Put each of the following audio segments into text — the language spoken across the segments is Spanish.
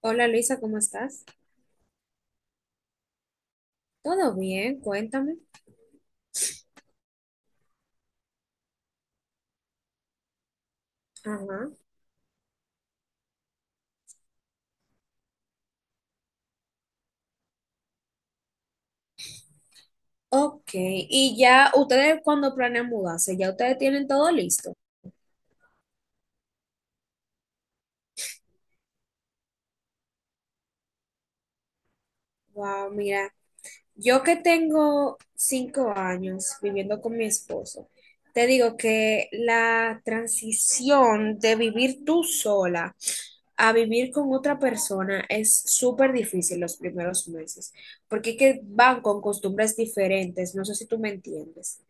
Hola Luisa, ¿cómo estás? ¿Todo bien? Cuéntame. Ajá. Ok, y ya ustedes cuando planean mudarse, ya ustedes tienen todo listo. Wow, mira, yo que tengo 5 años viviendo con mi esposo, te digo que la transición de vivir tú sola a vivir con otra persona es súper difícil los primeros meses, porque es que van con costumbres diferentes, no sé si tú me entiendes.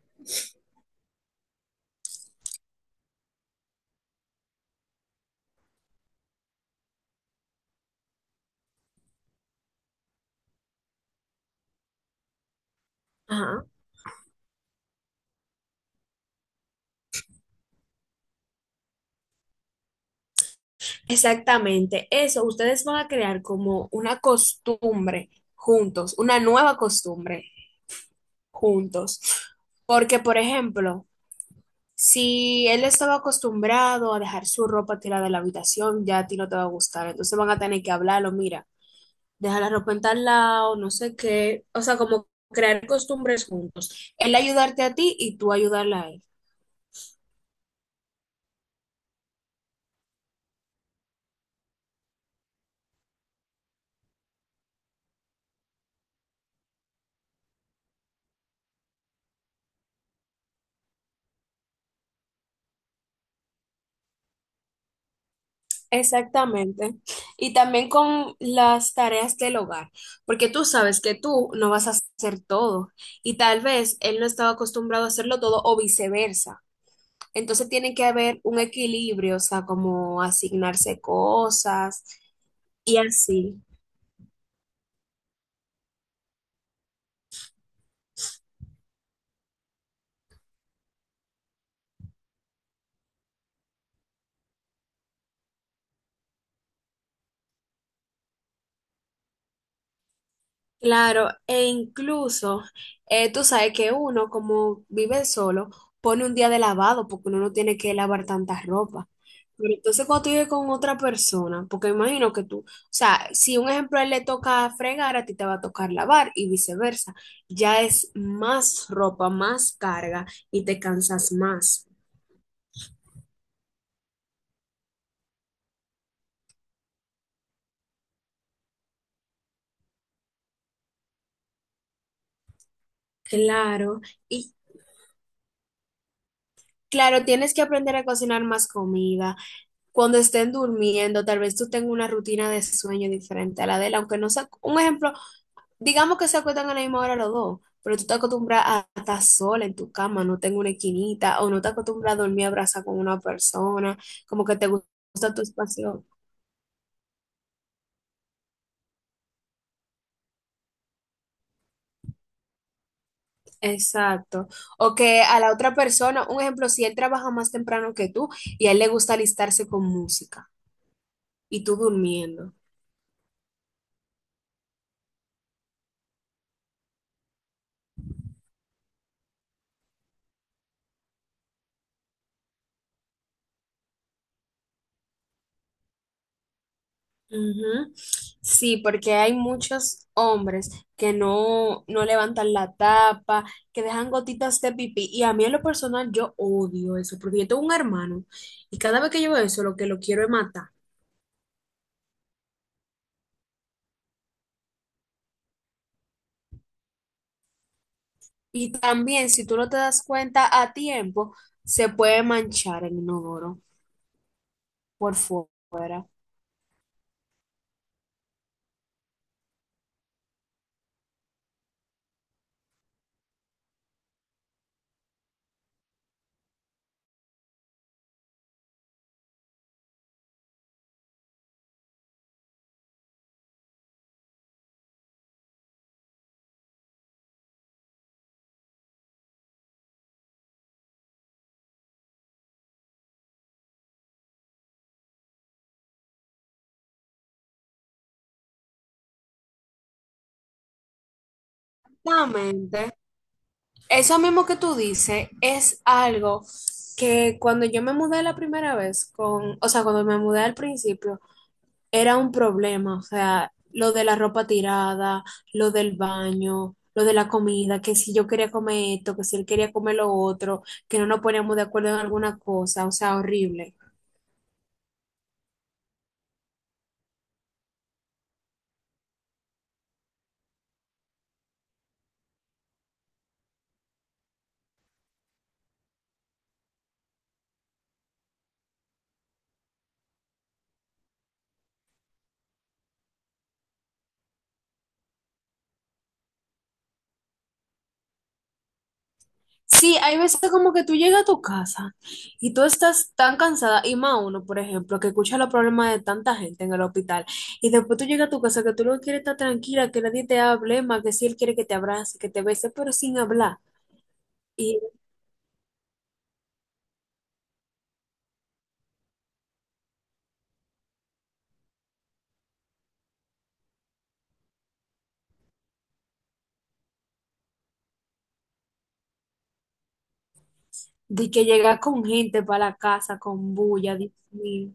Ajá. Exactamente, eso, ustedes van a crear como una costumbre juntos, una nueva costumbre juntos. Porque, por ejemplo, si él estaba acostumbrado a dejar su ropa tirada en la habitación, ya a ti no te va a gustar. Entonces van a tener que hablarlo, mira, deja la ropa en tal lado, no sé qué. O sea, como crear costumbres juntos. Él ayudarte a ti y tú ayudarla a él. Exactamente. Y también con las tareas del hogar, porque tú sabes que tú no vas a hacer todo y tal vez él no estaba acostumbrado a hacerlo todo o viceversa. Entonces tiene que haber un equilibrio, o sea, como asignarse cosas y así. Claro, e incluso tú sabes que uno, como vive solo, pone un día de lavado porque uno no tiene que lavar tanta ropa. Pero entonces cuando tú vives con otra persona, porque imagino que tú, o sea, si un ejemplo a él le toca fregar, a ti te va a tocar lavar y viceversa. Ya es más ropa, más carga y te cansas más. Claro, y claro, tienes que aprender a cocinar más comida cuando estén durmiendo, tal vez tú tengas una rutina de sueño diferente a la de él, aunque no sea, un ejemplo, digamos que se acuestan a la misma hora los dos, pero tú te acostumbras a estar sola en tu cama, no tengo una esquinita, o no te acostumbras a dormir abrazada con una persona, como que te gusta tu espacio. Exacto. O que a la otra persona, un ejemplo, si él trabaja más temprano que tú y a él le gusta alistarse con música y tú durmiendo. Ujú. Sí, porque hay muchos hombres que no levantan la tapa, que dejan gotitas de pipí. Y a mí en lo personal yo odio eso, porque yo tengo un hermano y cada vez que yo veo eso lo que lo quiero es matar. Y también si tú no te das cuenta a tiempo, se puede manchar el inodoro por fuera. Exactamente. Eso mismo que tú dices es algo que cuando yo me mudé la primera vez, con, o sea, cuando me mudé al principio, era un problema, o sea, lo de la ropa tirada, lo del baño, lo de la comida, que si yo quería comer esto, que si él quería comer lo otro, que no nos poníamos de acuerdo en alguna cosa, o sea, horrible. Sí, hay veces como que tú llegas a tu casa y tú estás tan cansada, y más uno, por ejemplo, que escucha los problemas de tanta gente en el hospital, y después tú llegas a tu casa que tú no quieres estar tranquila, que nadie te hable más, que si él quiere que te abrace, que te bese, pero sin hablar. Y de que llega con gente para la casa, con bulla, Dios mío.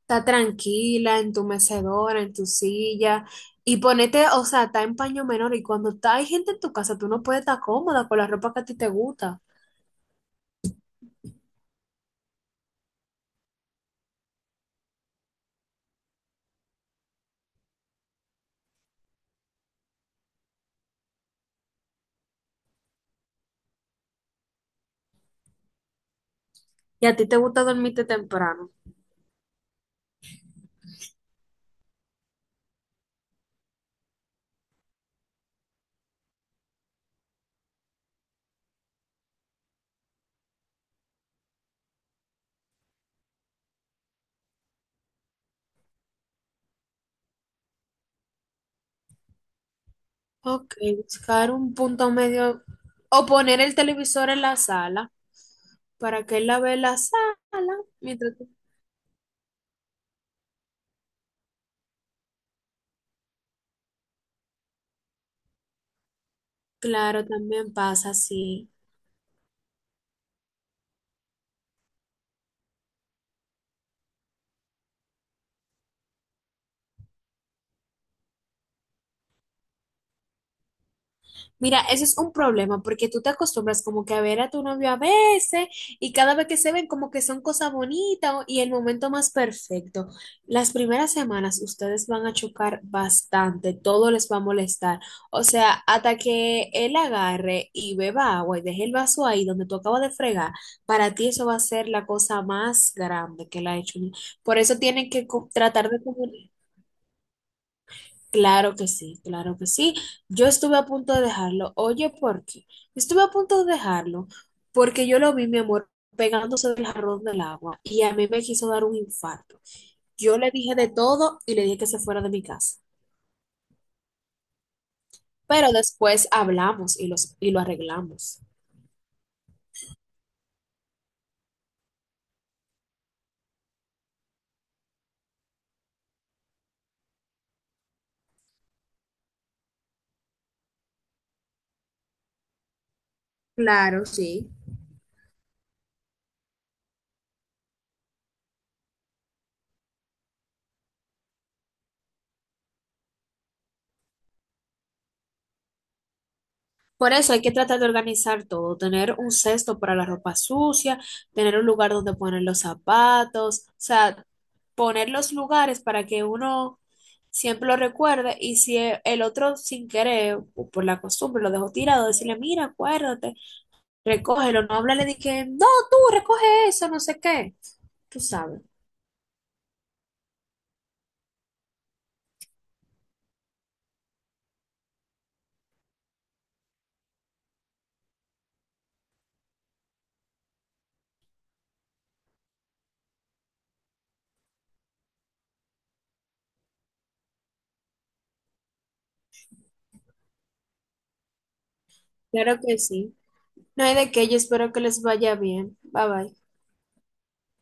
Está tranquila en tu mecedora, en tu silla. Y ponete, o sea, está en paño menor. Y cuando está, hay gente en tu casa, tú no puedes estar cómoda con la ropa que a ti te gusta. Y a ti te gusta dormirte temprano. Ok, buscar un punto medio. O poner el televisor en la sala para que él la vea en la sala. Mientras tú- Claro, también pasa así. Mira, eso es un problema porque tú te acostumbras como que a ver a tu novio a veces y cada vez que se ven como que son cosas bonitas o- y el momento más perfecto. Las primeras semanas ustedes van a chocar bastante, todo les va a molestar. O sea, hasta que él agarre y beba agua y deje el vaso ahí donde tú acabas de fregar, para ti eso va a ser la cosa más grande que él ha hecho. Por eso tienen que tratar de comunicar. Claro que sí, claro que sí. Yo estuve a punto de dejarlo. Oye, ¿por qué? Estuve a punto de dejarlo porque yo lo vi, mi amor, pegándose del jarrón del agua y a mí me quiso dar un infarto. Yo le dije de todo y le dije que se fuera de mi casa. Pero después hablamos y lo arreglamos. Claro, sí. Por eso hay que tratar de organizar todo, tener un cesto para la ropa sucia, tener un lugar donde poner los zapatos, o sea, poner los lugares para que uno siempre lo recuerde y si el otro sin querer o por la costumbre lo dejó tirado, decirle, mira, acuérdate, recógelo, no hablarle de que, no, tú recoge eso, no sé qué, tú sabes, claro que sí. No hay de qué, yo espero que les vaya bien, bye bye.